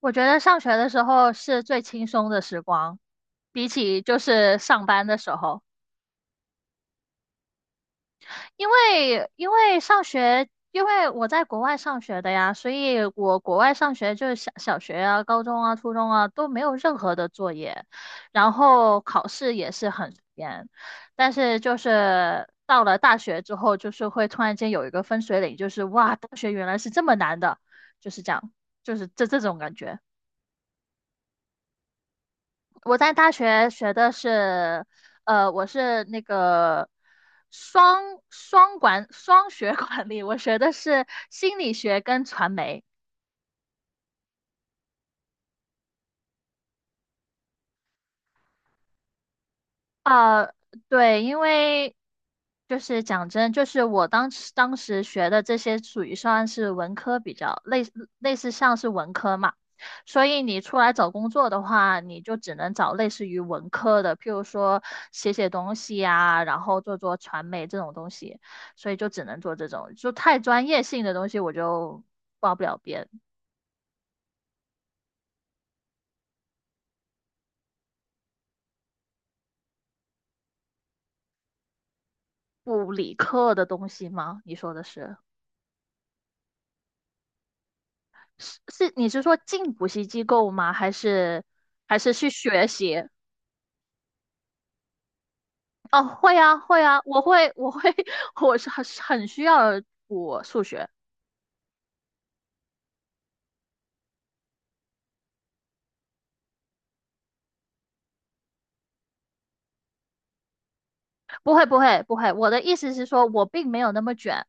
我觉得上学的时候是最轻松的时光，比起就是上班的时候，因为上学，因为我在国外上学的呀，所以我国外上学就是小学啊、高中啊、初中啊都没有任何的作业，然后考试也是很严，但是就是到了大学之后，就是会突然间有一个分水岭，就是哇，大学原来是这么难的，就是这样，就是这种感觉。我在大学学的是，我是那个双双管双学管理，我学的是心理学跟传媒。呃，对，因为就是讲真，就是我当时学的这些属于算是文科比较类似像是文科嘛，所以你出来找工作的话，你就只能找类似于文科的，譬如说写写东西呀、然后做做传媒这种东西，所以就只能做这种，就太专业性的东西我就报不了边，不理科的东西吗？你说的是？是是，你是说进补习机构吗？还是还是去学习？哦，会啊，会啊，我会，我会，我是很需要补数学。不会，不会，不会。我的意思是说，我并没有那么卷，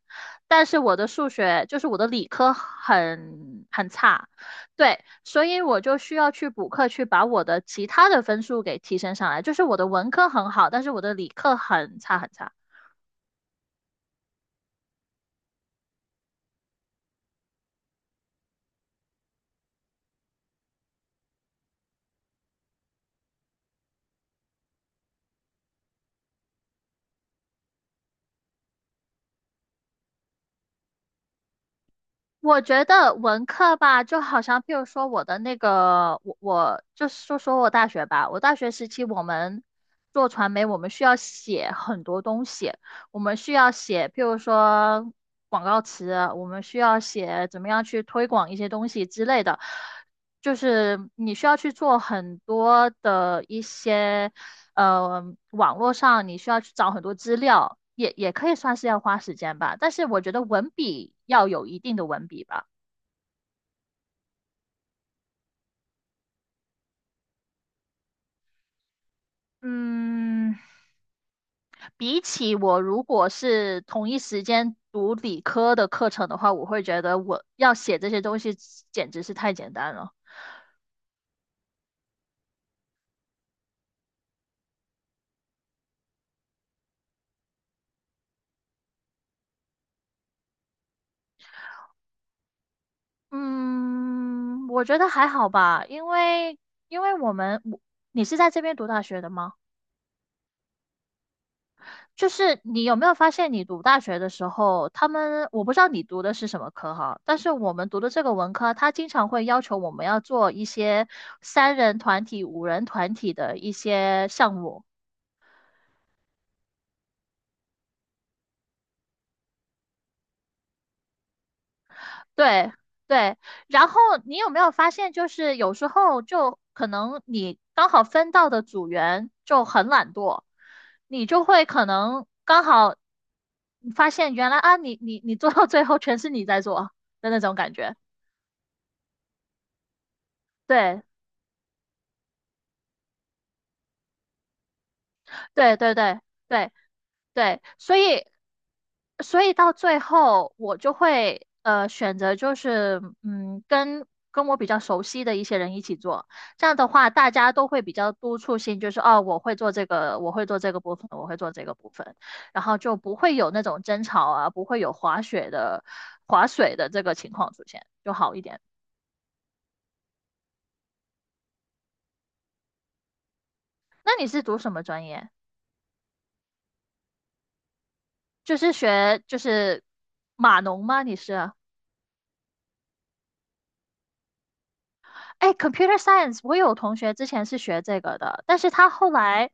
但是我的数学就是我的理科很差，对，所以我就需要去补课，去把我的其他的分数给提升上来。就是我的文科很好，但是我的理科很差很差。我觉得文科吧，就好像譬如说我的那个，我就说说我大学吧，我大学时期我们做传媒，我们需要写很多东西，我们需要写，譬如说广告词，我们需要写怎么样去推广一些东西之类的，就是你需要去做很多的一些。网络上你需要去找很多资料，也可以算是要花时间吧。但是我觉得文笔要有一定的文笔吧。嗯，比起我如果是同一时间读理科的课程的话，我会觉得我要写这些东西简直是太简单了。嗯，我觉得还好吧，因为因为我们。你是在这边读大学的吗？就是你有没有发现，你读大学的时候，他们我不知道你读的是什么科哈，但是我们读的这个文科，它经常会要求我们要做一些三人团体、五人团体的一些项目。对对，然后你有没有发现，就是有时候就可能你刚好分到的组员就很懒惰，你就会可能刚好发现原来啊，你你你做到最后全是你在做的那种感觉。对，对对对对对，所以到最后我就会选择就是嗯跟我比较熟悉的一些人一起做，这样的话大家都会比较督促性，就是哦我会做这个，我会做这个部分，我会做这个部分，然后就不会有那种争吵啊，不会有滑雪的滑水的这个情况出现，就好一点。那你是读什么专业？就是学就是码农吗？你是？哎，computer science，我有同学之前是学这个的，但是他后来，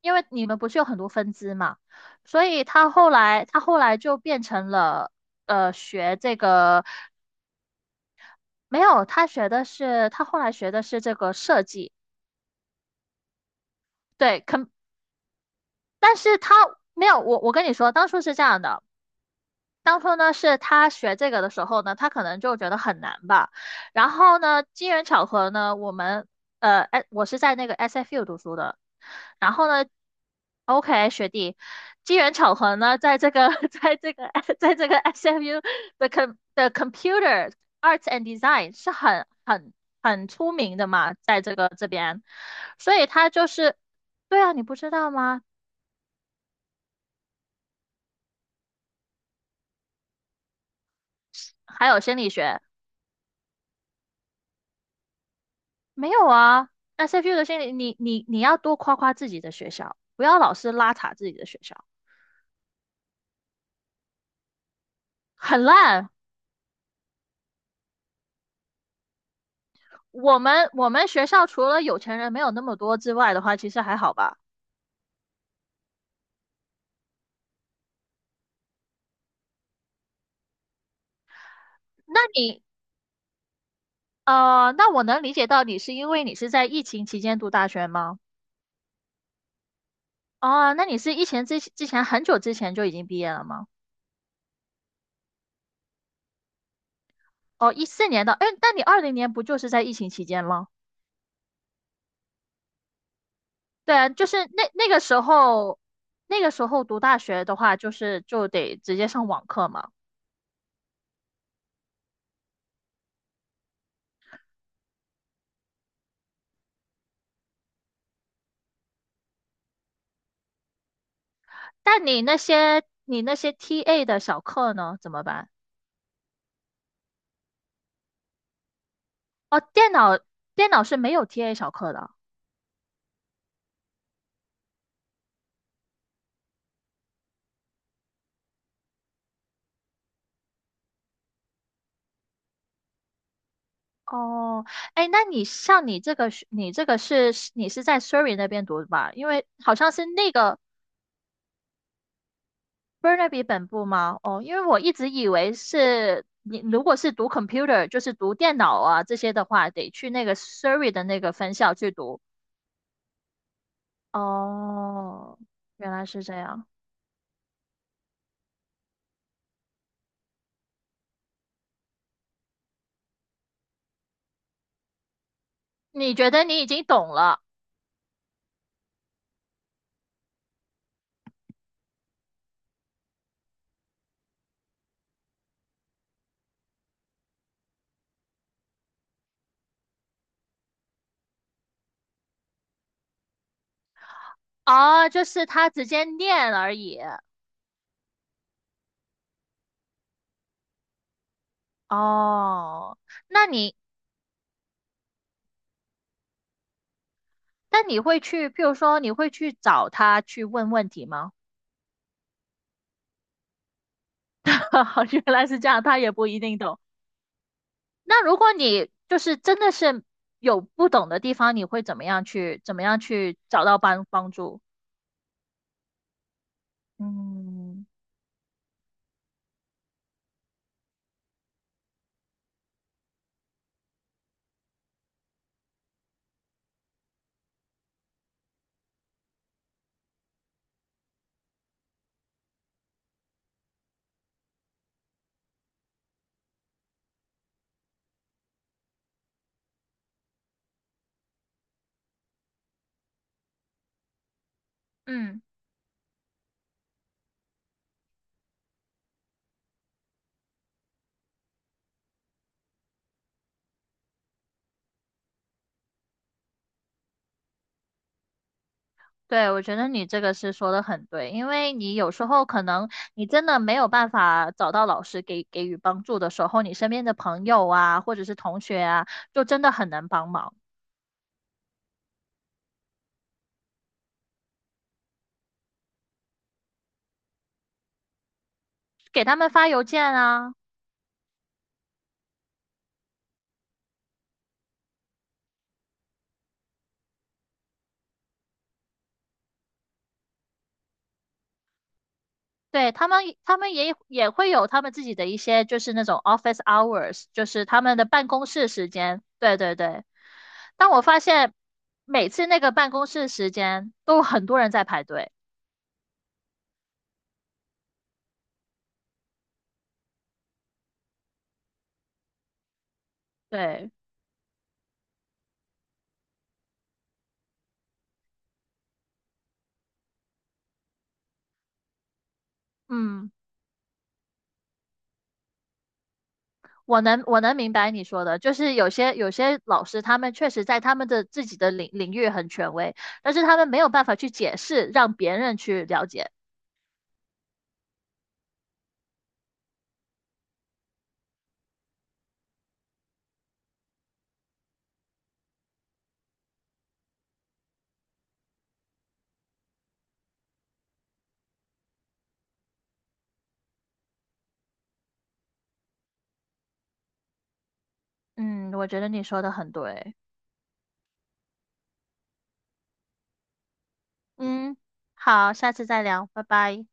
因为你们不是有很多分支嘛，所以他后来就变成了学这个，没有，他学的是他后来学的是这个设计，对可，但是他没有，我跟你说，当初是这样的，当初呢，是他学这个的时候呢，他可能就觉得很难吧。然后呢，机缘巧合呢，我们哎，我是在那个 SFU 读书的。然后呢，OK，学弟，机缘巧合呢，在这个 在这个 在这个 SFU 的 com 的 Computer Arts and Design 是很出名的嘛，在这个这边，所以他就是，对啊，你不知道吗？还有心理学。没有啊，SFU 那的心理，你你你要多夸夸自己的学校，不要老是拉垮自己的学校，很烂。我们学校除了有钱人没有那么多之外的话，其实还好吧。那你那我能理解到你是因为你是在疫情期间读大学吗？哦，那你是疫情之前很久之前就已经毕业了吗？哦，14年的，哎，那你20年不就是在疫情期间吗？对啊，就是那个时候，那个时候读大学的话，就是就得直接上网课嘛。但你那些 TA 的小课呢，怎么办？哦，电脑是没有 TA 小课的。哦，哎，那你像你这个是，你这个是你是在 Surrey 那边读的吧？因为好像是那个 Burnaby 本部吗？哦，因为我一直以为是你如果是读 computer，就是读电脑啊这些的话，得去那个 Surrey 的那个分校去读。哦，原来是这样。你觉得你已经懂了哦，就是他直接念而已。哦，那你，那你会去，譬如说，你会去找他去问问题吗？原来是这样，他也不一定懂。那如果你就是真的是有不懂的地方，你会怎么样去，怎么样去找到帮助？嗯，嗯。对，我觉得你这个是说的很对，因为你有时候可能你真的没有办法找到老师给给予帮助的时候，你身边的朋友啊，或者是同学啊，就真的很能帮忙，给他们发邮件啊，对，他们也会有他们自己的一些就是那种 office hours，就是他们的办公室时间，对对对。但我发现每次那个办公室时间都有很多人在排队，对，嗯。我能明白你说的，就是有些老师他们确实在他们的自己的领域很权威，但是他们没有办法去解释，让别人去了解。嗯，我觉得你说的很对。嗯，好，下次再聊，拜拜。